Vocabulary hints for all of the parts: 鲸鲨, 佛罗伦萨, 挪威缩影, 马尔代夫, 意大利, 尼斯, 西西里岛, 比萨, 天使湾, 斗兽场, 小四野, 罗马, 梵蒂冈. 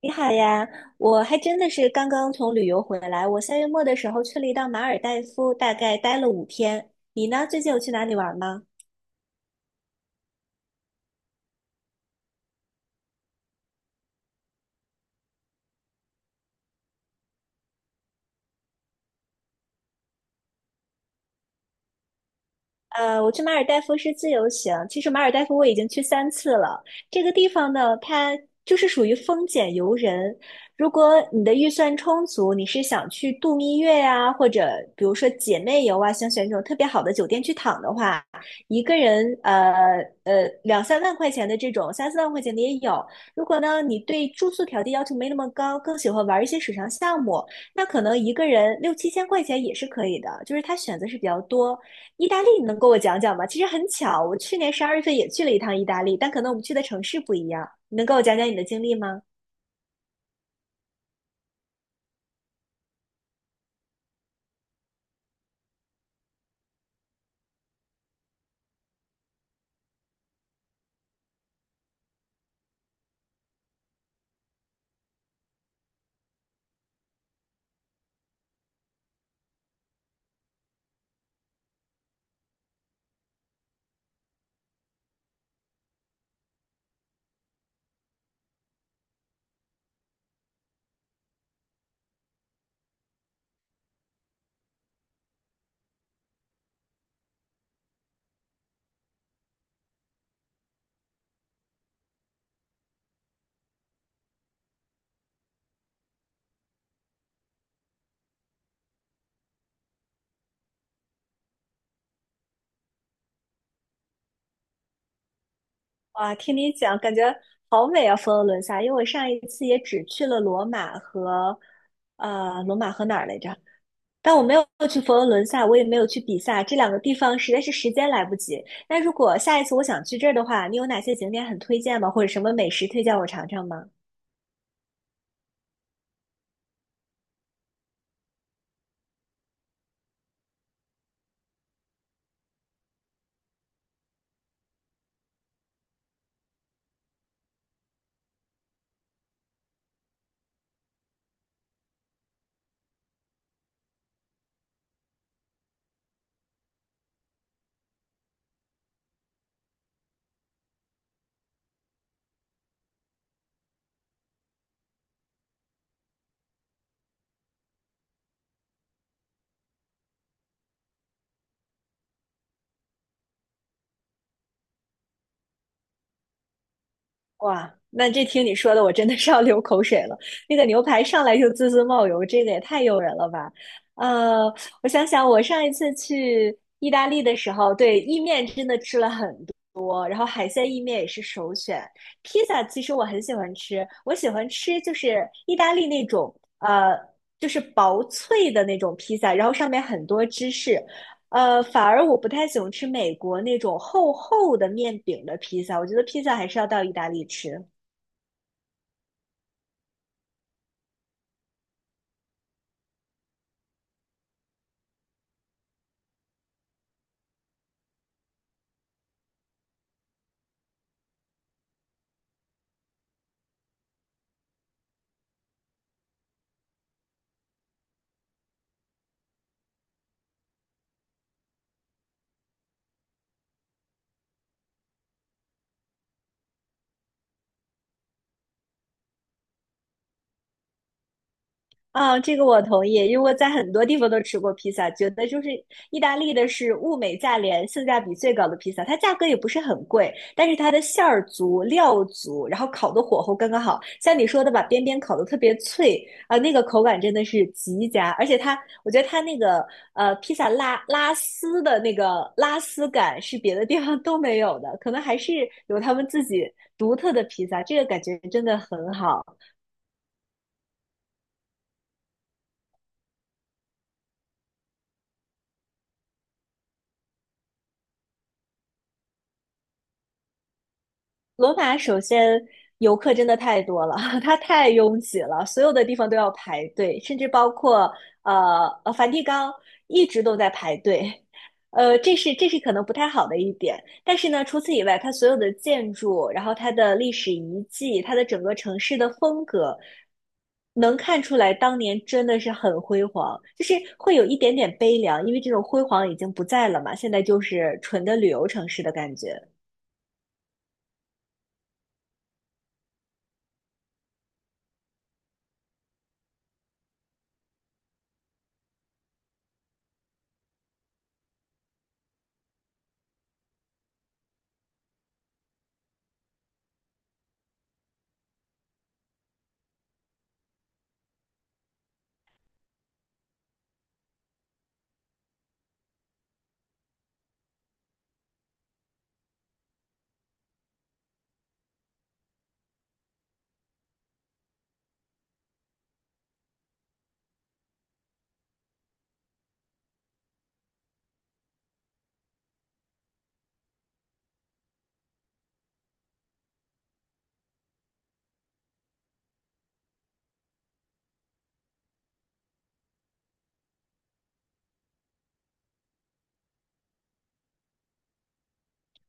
你好呀，我还真的是刚刚从旅游回来。我3月末的时候去了一趟马尔代夫，大概待了5天。你呢？最近有去哪里玩吗？我去马尔代夫是自由行。其实马尔代夫我已经去三次了。这个地方呢，它就是属于风俭游人。如果你的预算充足，你是想去度蜜月呀、或者比如说姐妹游啊，想选这种特别好的酒店去躺的话，一个人两三万块钱的这种，三四万块钱的也有。如果呢你对住宿条件要求没那么高，更喜欢玩一些水上项目，那可能一个人六七千块钱也是可以的。就是它选择是比较多。意大利，你能给我讲讲吗？其实很巧，我去年十二月份也去了一趟意大利，但可能我们去的城市不一样。你能跟我讲讲你的经历吗？哇，听你讲，感觉好美啊，佛罗伦萨。因为我上一次也只去了罗马和，罗马和哪儿来着？但我没有去佛罗伦萨，我也没有去比萨，这两个地方实在是时间来不及。那如果下一次我想去这儿的话，你有哪些景点很推荐吗？或者什么美食推荐我尝尝吗？哇，那这听你说的，我真的是要流口水了。那个牛排上来就滋滋冒油，这个也太诱人了吧！呃，我想想，我上一次去意大利的时候，对，意面真的吃了很多，然后海鲜意面也是首选。披萨其实我很喜欢吃，我喜欢吃就是意大利那种就是薄脆的那种披萨，然后上面很多芝士，反而我不太喜欢吃美国那种厚厚的面饼的披萨，我觉得披萨还是要到意大利吃。啊，这个我同意，因为我在很多地方都吃过披萨，觉得就是意大利的是物美价廉、性价比最高的披萨，它价格也不是很贵，但是它的馅儿足、料足，然后烤的火候刚刚好。像你说的，把边边烤的特别脆啊、那个口感真的是极佳，而且它，我觉得它那个披萨拉丝的那个拉丝感是别的地方都没有的，可能还是有他们自己独特的披萨，这个感觉真的很好。罗马首先游客真的太多了，它太拥挤了，所有的地方都要排队，甚至包括梵蒂冈一直都在排队，这是可能不太好的一点。但是呢，除此以外，它所有的建筑，然后它的历史遗迹，它的整个城市的风格，能看出来当年真的是很辉煌，就是会有一点点悲凉，因为这种辉煌已经不在了嘛，现在就是纯的旅游城市的感觉。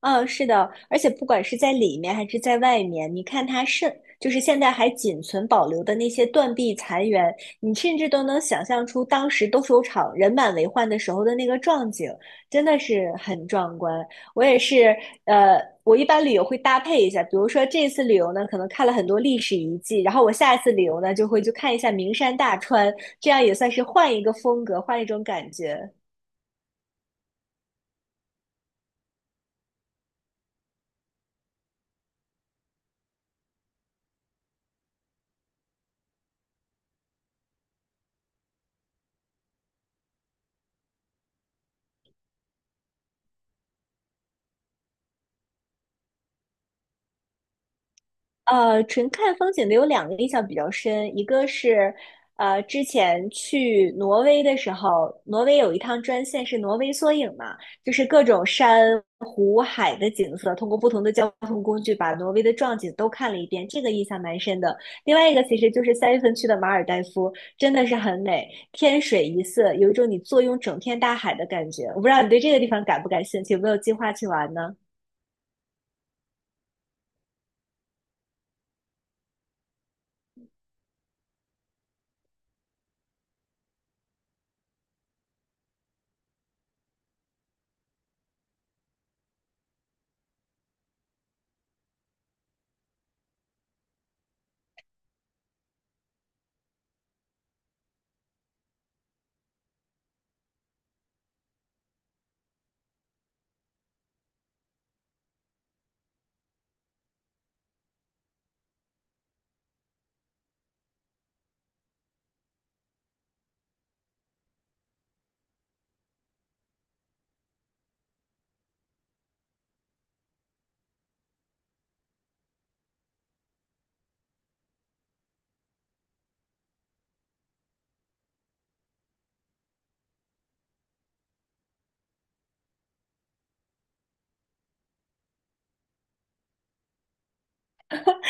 嗯，是的，而且不管是在里面还是在外面，你看它剩，就是现在还仅存保留的那些断壁残垣，你甚至都能想象出当时斗兽场人满为患的时候的那个壮景，真的是很壮观。我也是，我一般旅游会搭配一下，比如说这次旅游呢，可能看了很多历史遗迹，然后我下一次旅游呢，就会去看一下名山大川，这样也算是换一个风格，换一种感觉。纯看风景的有两个印象比较深，一个是，之前去挪威的时候，挪威有一趟专线是挪威缩影嘛，就是各种山湖海的景色，通过不同的交通工具把挪威的壮景都看了一遍，这个印象蛮深的。另外一个其实就是3月份去的马尔代夫，真的是很美，天水一色，有一种你坐拥整片大海的感觉。我不知道你对这个地方感不感兴趣，有没有计划去玩呢？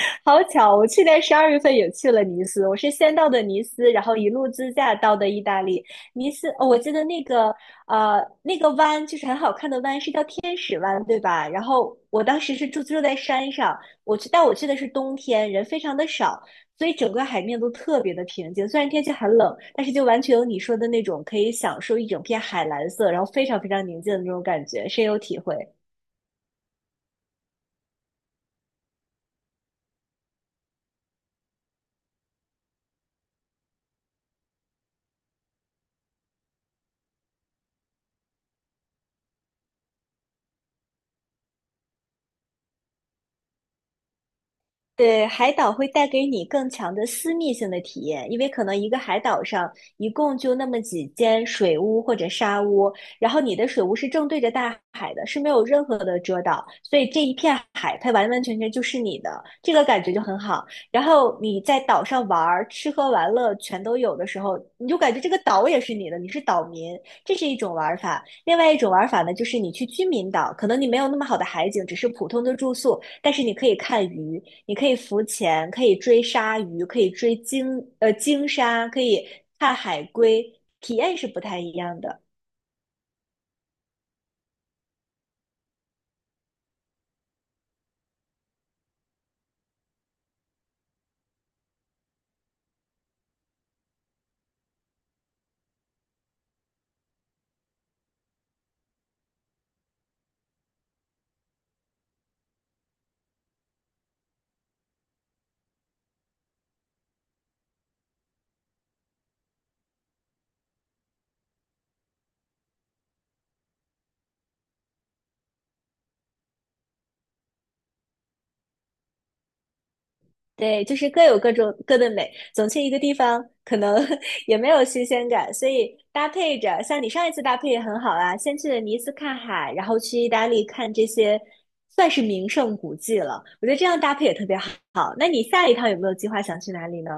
好巧，我去年12月份也去了尼斯，我是先到的尼斯，然后一路自驾到的意大利。尼斯，哦，我记得那个那个湾就是很好看的湾，是叫天使湾，对吧？然后我当时是住在山上，我去，但我去的是冬天，人非常的少，所以整个海面都特别的平静。虽然天气很冷，但是就完全有你说的那种可以享受一整片海蓝色，然后非常非常宁静的那种感觉，深有体会。对，海岛会带给你更强的私密性的体验，因为可能一个海岛上一共就那么几间水屋或者沙屋，然后你的水屋是正对着大海的，是没有任何的遮挡，所以这一片海它完完全全就是你的，这个感觉就很好。然后你在岛上玩儿、吃喝玩乐全都有的时候，你就感觉这个岛也是你的，你是岛民，这是一种玩法。另外一种玩法呢，就是你去居民岛，可能你没有那么好的海景，只是普通的住宿，但是你可以看鱼，你可以浮潜，可以追鲨鱼，可以追鲸，鲸鲨，可以看海龟，体验是不太一样的。对，就是各有各种各的美。总去一个地方，可能 也没有新鲜感，所以搭配着，像你上一次搭配也很好啊，先去了尼斯看海，然后去意大利看这些算是名胜古迹了。我觉得这样搭配也特别好。那你下一趟有没有计划想去哪里呢？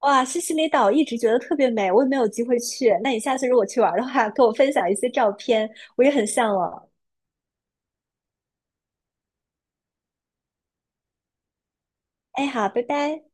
哇，西西里岛一直觉得特别美，我也没有机会去。那你下次如果去玩儿的话，跟我分享一些照片，我也很向往。哎，好，拜拜。